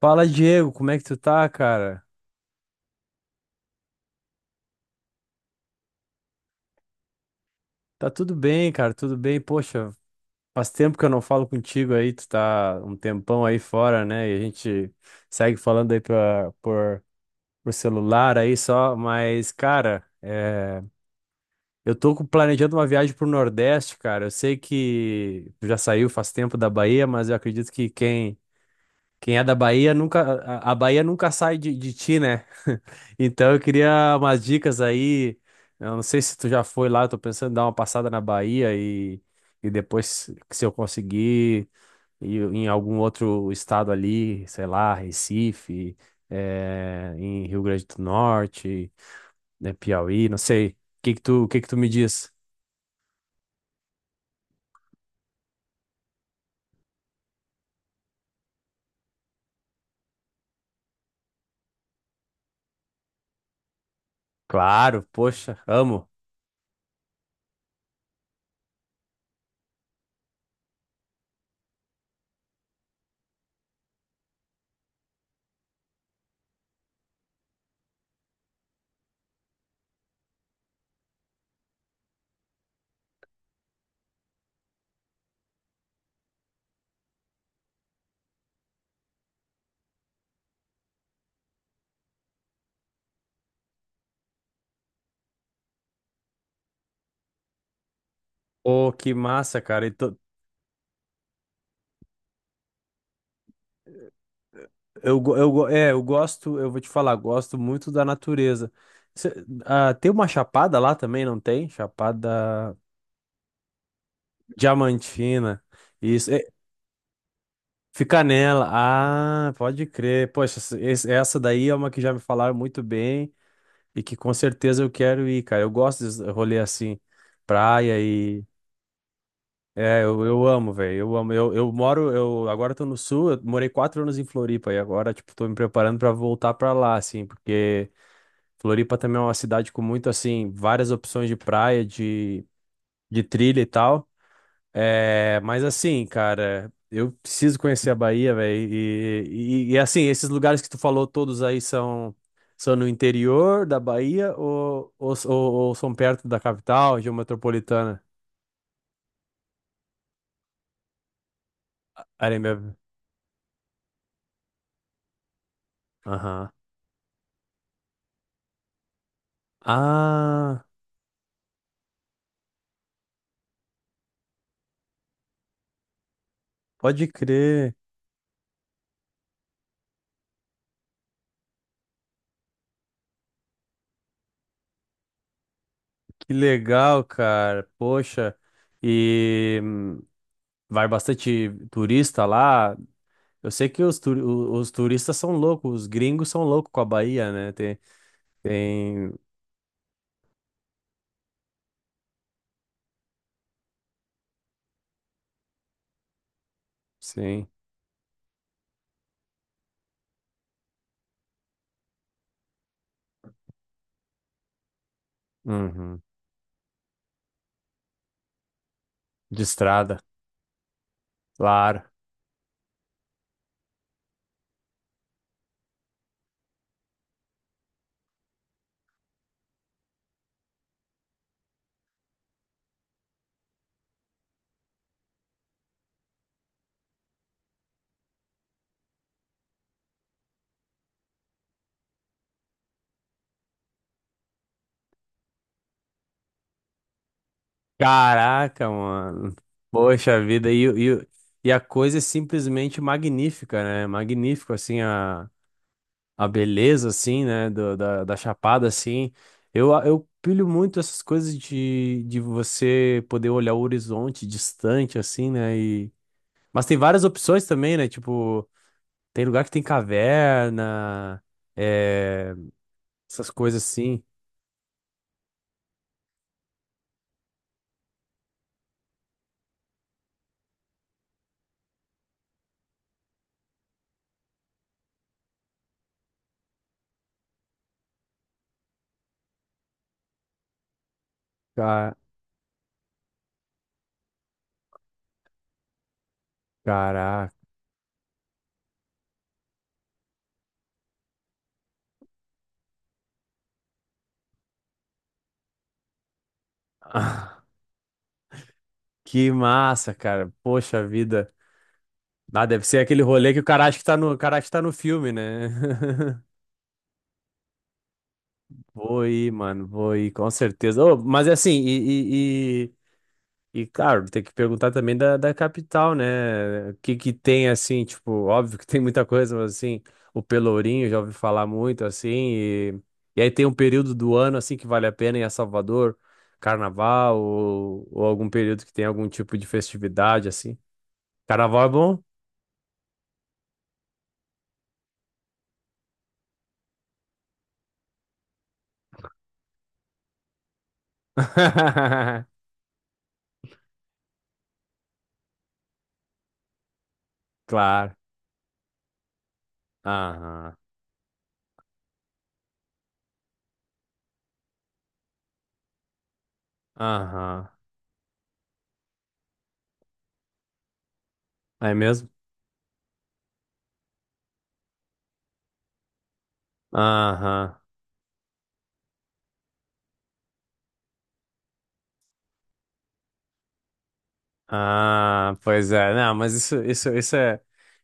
Fala, Diego, como é que tu tá, cara? Tá tudo bem, cara, tudo bem. Poxa, faz tempo que eu não falo contigo aí, tu tá um tempão aí fora, né? E a gente segue falando aí por celular aí só, mas, cara, é, eu tô planejando uma viagem pro Nordeste, cara. Eu sei que tu já saiu faz tempo da Bahia, mas eu acredito que quem é da Bahia nunca, a Bahia nunca sai de ti, né? Então eu queria umas dicas aí. Eu não sei se tu já foi lá, eu tô pensando em dar uma passada na Bahia e depois, se eu conseguir, ir em algum outro estado ali, sei lá, Recife, em Rio Grande do Norte, né, Piauí, não sei. O que que tu me diz? Claro, poxa, amo. Pô, que massa, cara. Eu gosto, eu vou te falar, gosto muito da natureza. Cê- Tem uma chapada lá também, não tem? Chapada Diamantina. Isso, é, fica nela. Ah, pode crer. Poxa, essa daí é uma que já me falaram muito bem e que com certeza eu quero ir, cara. Eu gosto de rolê assim, praia e. É, eu amo, velho. Eu amo. Eu agora tô no sul, eu morei 4 anos em Floripa e agora, tipo, tô me preparando pra voltar pra lá, assim, porque. Floripa também é uma cidade com muito, assim, várias opções de praia, de, trilha e tal. É, mas assim, cara, eu preciso conhecer a Bahia, velho. E, assim, esses lugares que tu falou todos aí são no interior da Bahia ou, ou são perto da capital, região metropolitana? Arembebe. Aham. Ah, pode crer. Que legal, cara. Poxa. E vai bastante turista lá. Eu sei que os turistas são loucos, os gringos são loucos com a Bahia, né? Tem, tem, sim. Uhum. De estrada, claro. Caraca, mano. Poxa vida, e a coisa é simplesmente magnífica, né? Magnífico, assim, a, beleza, assim, né? Da Chapada, assim. Eu pilho muito essas coisas de você poder olhar o horizonte distante, assim, né? E, mas tem várias opções também, né? Tipo. Tem lugar que tem caverna, é, essas coisas assim. Ca- Caraca. Que massa, cara. Poxa vida. Ah, deve ser aquele rolê que o cara acha que tá no filme, né? Vou ir, mano. Vou ir, com certeza. Ô, mas é assim, E, claro, tem que perguntar também da, capital, né? O que que tem, assim, tipo, óbvio que tem muita coisa, mas, assim, o Pelourinho, já ouvi falar muito, assim, e aí tem um período do ano, assim, que vale a pena ir a Salvador, carnaval, ou algum período que tem algum tipo de festividade, assim. Carnaval é bom? Claro. Aham. Aham. É mesmo? Aham. Ah, pois é. Não, mas isso, isso, isso é,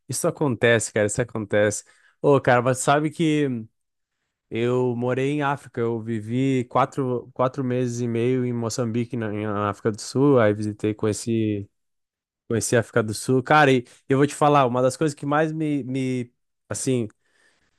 isso acontece, cara. Isso acontece. Ô, cara, mas sabe que eu morei em África. Eu vivi quatro meses e meio em Moçambique, na África do Sul. Aí visitei, conheci a África do Sul. Cara, e eu vou te falar, uma das coisas que mais me, assim,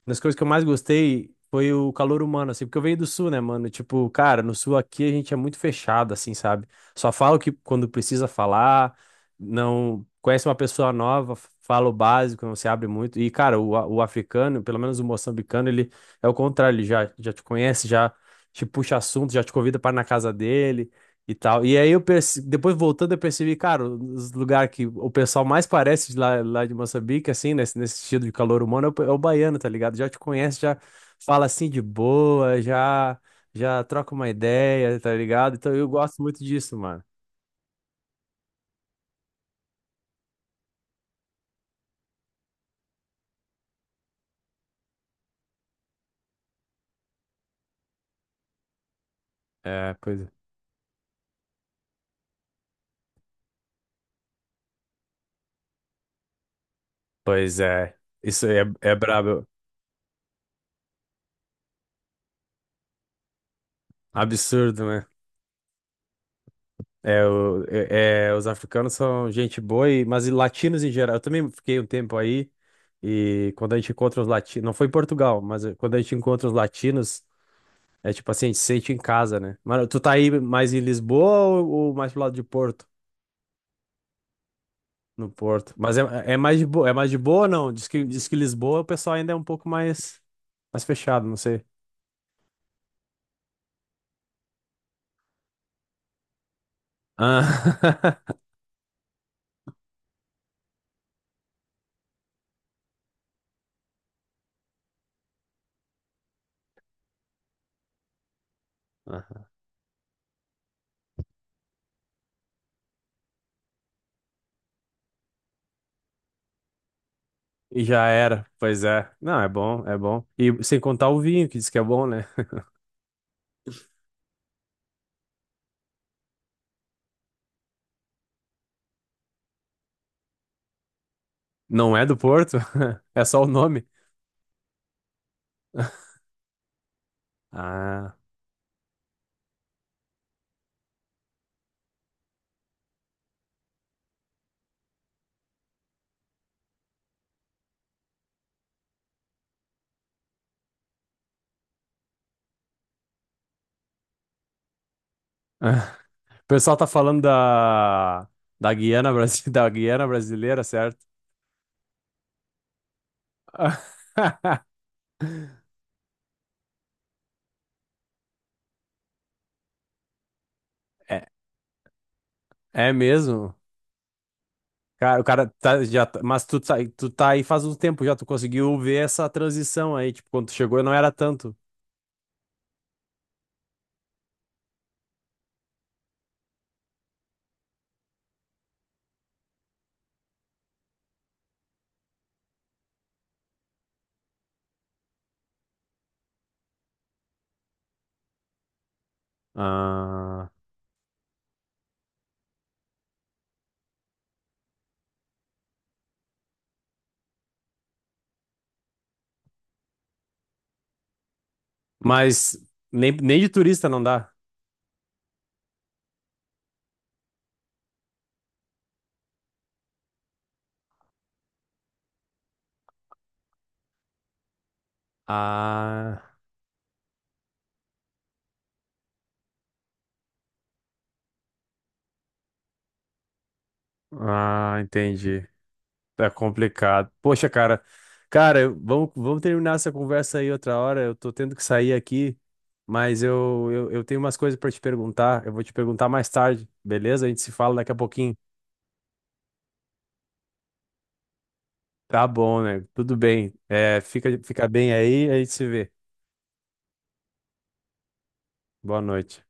uma das coisas que eu mais gostei foi o calor humano, assim, porque eu venho do sul, né, mano? Tipo, cara, no sul aqui a gente é muito fechado, assim, sabe? Só fala o que quando precisa falar, não conhece uma pessoa nova, fala o básico, não se abre muito. E, cara, o africano, pelo menos o moçambicano, ele é o contrário, ele já te conhece, já te puxa assunto, já te convida para ir na casa dele e tal. E aí eu depois voltando eu percebi, cara, os lugares que o pessoal mais parece de lá, lá de Moçambique, assim, nesse estilo de calor humano, é o baiano, tá ligado? Já te conhece, já fala assim de boa, já troca uma ideia, tá ligado? Então eu gosto muito disso, mano. É, pois é. Isso aí é, brabo, absurdo, né? É, os africanos são gente boa, e, mas e latinos em geral. Eu também fiquei um tempo aí, e quando a gente encontra os latinos, não foi em Portugal, mas quando a gente encontra os latinos, é tipo assim, a gente se sente em casa, né? Mas tu tá aí mais em Lisboa ou, mais pro lado de Porto? No Porto. Mas é mais de boa, é mais de boa ou não? Diz que Lisboa o pessoal ainda é um pouco mais fechado, não sei. Ah. E já era, pois é. Não, é bom, é bom. E sem contar o vinho, que diz que é bom, né? Não é do Porto? É só o nome? Ah. O pessoal tá falando da Guiana, da Guiana brasileira, certo? É, é mesmo? Cara, o cara tá, já, tá- mas tu tá aí faz um tempo já, tu conseguiu ver essa transição aí, tipo, quando tu chegou não era tanto. Ah, mas nem de turista não dá. Ah, ah, entendi. Tá complicado. Poxa, cara. Cara, vamos terminar essa conversa aí outra hora. Eu tô tendo que sair aqui, mas eu tenho umas coisas pra te perguntar. Eu vou te perguntar mais tarde, beleza? A gente se fala daqui a pouquinho. Tá bom, né? Tudo bem. É, fica bem aí, a gente se vê. Boa noite.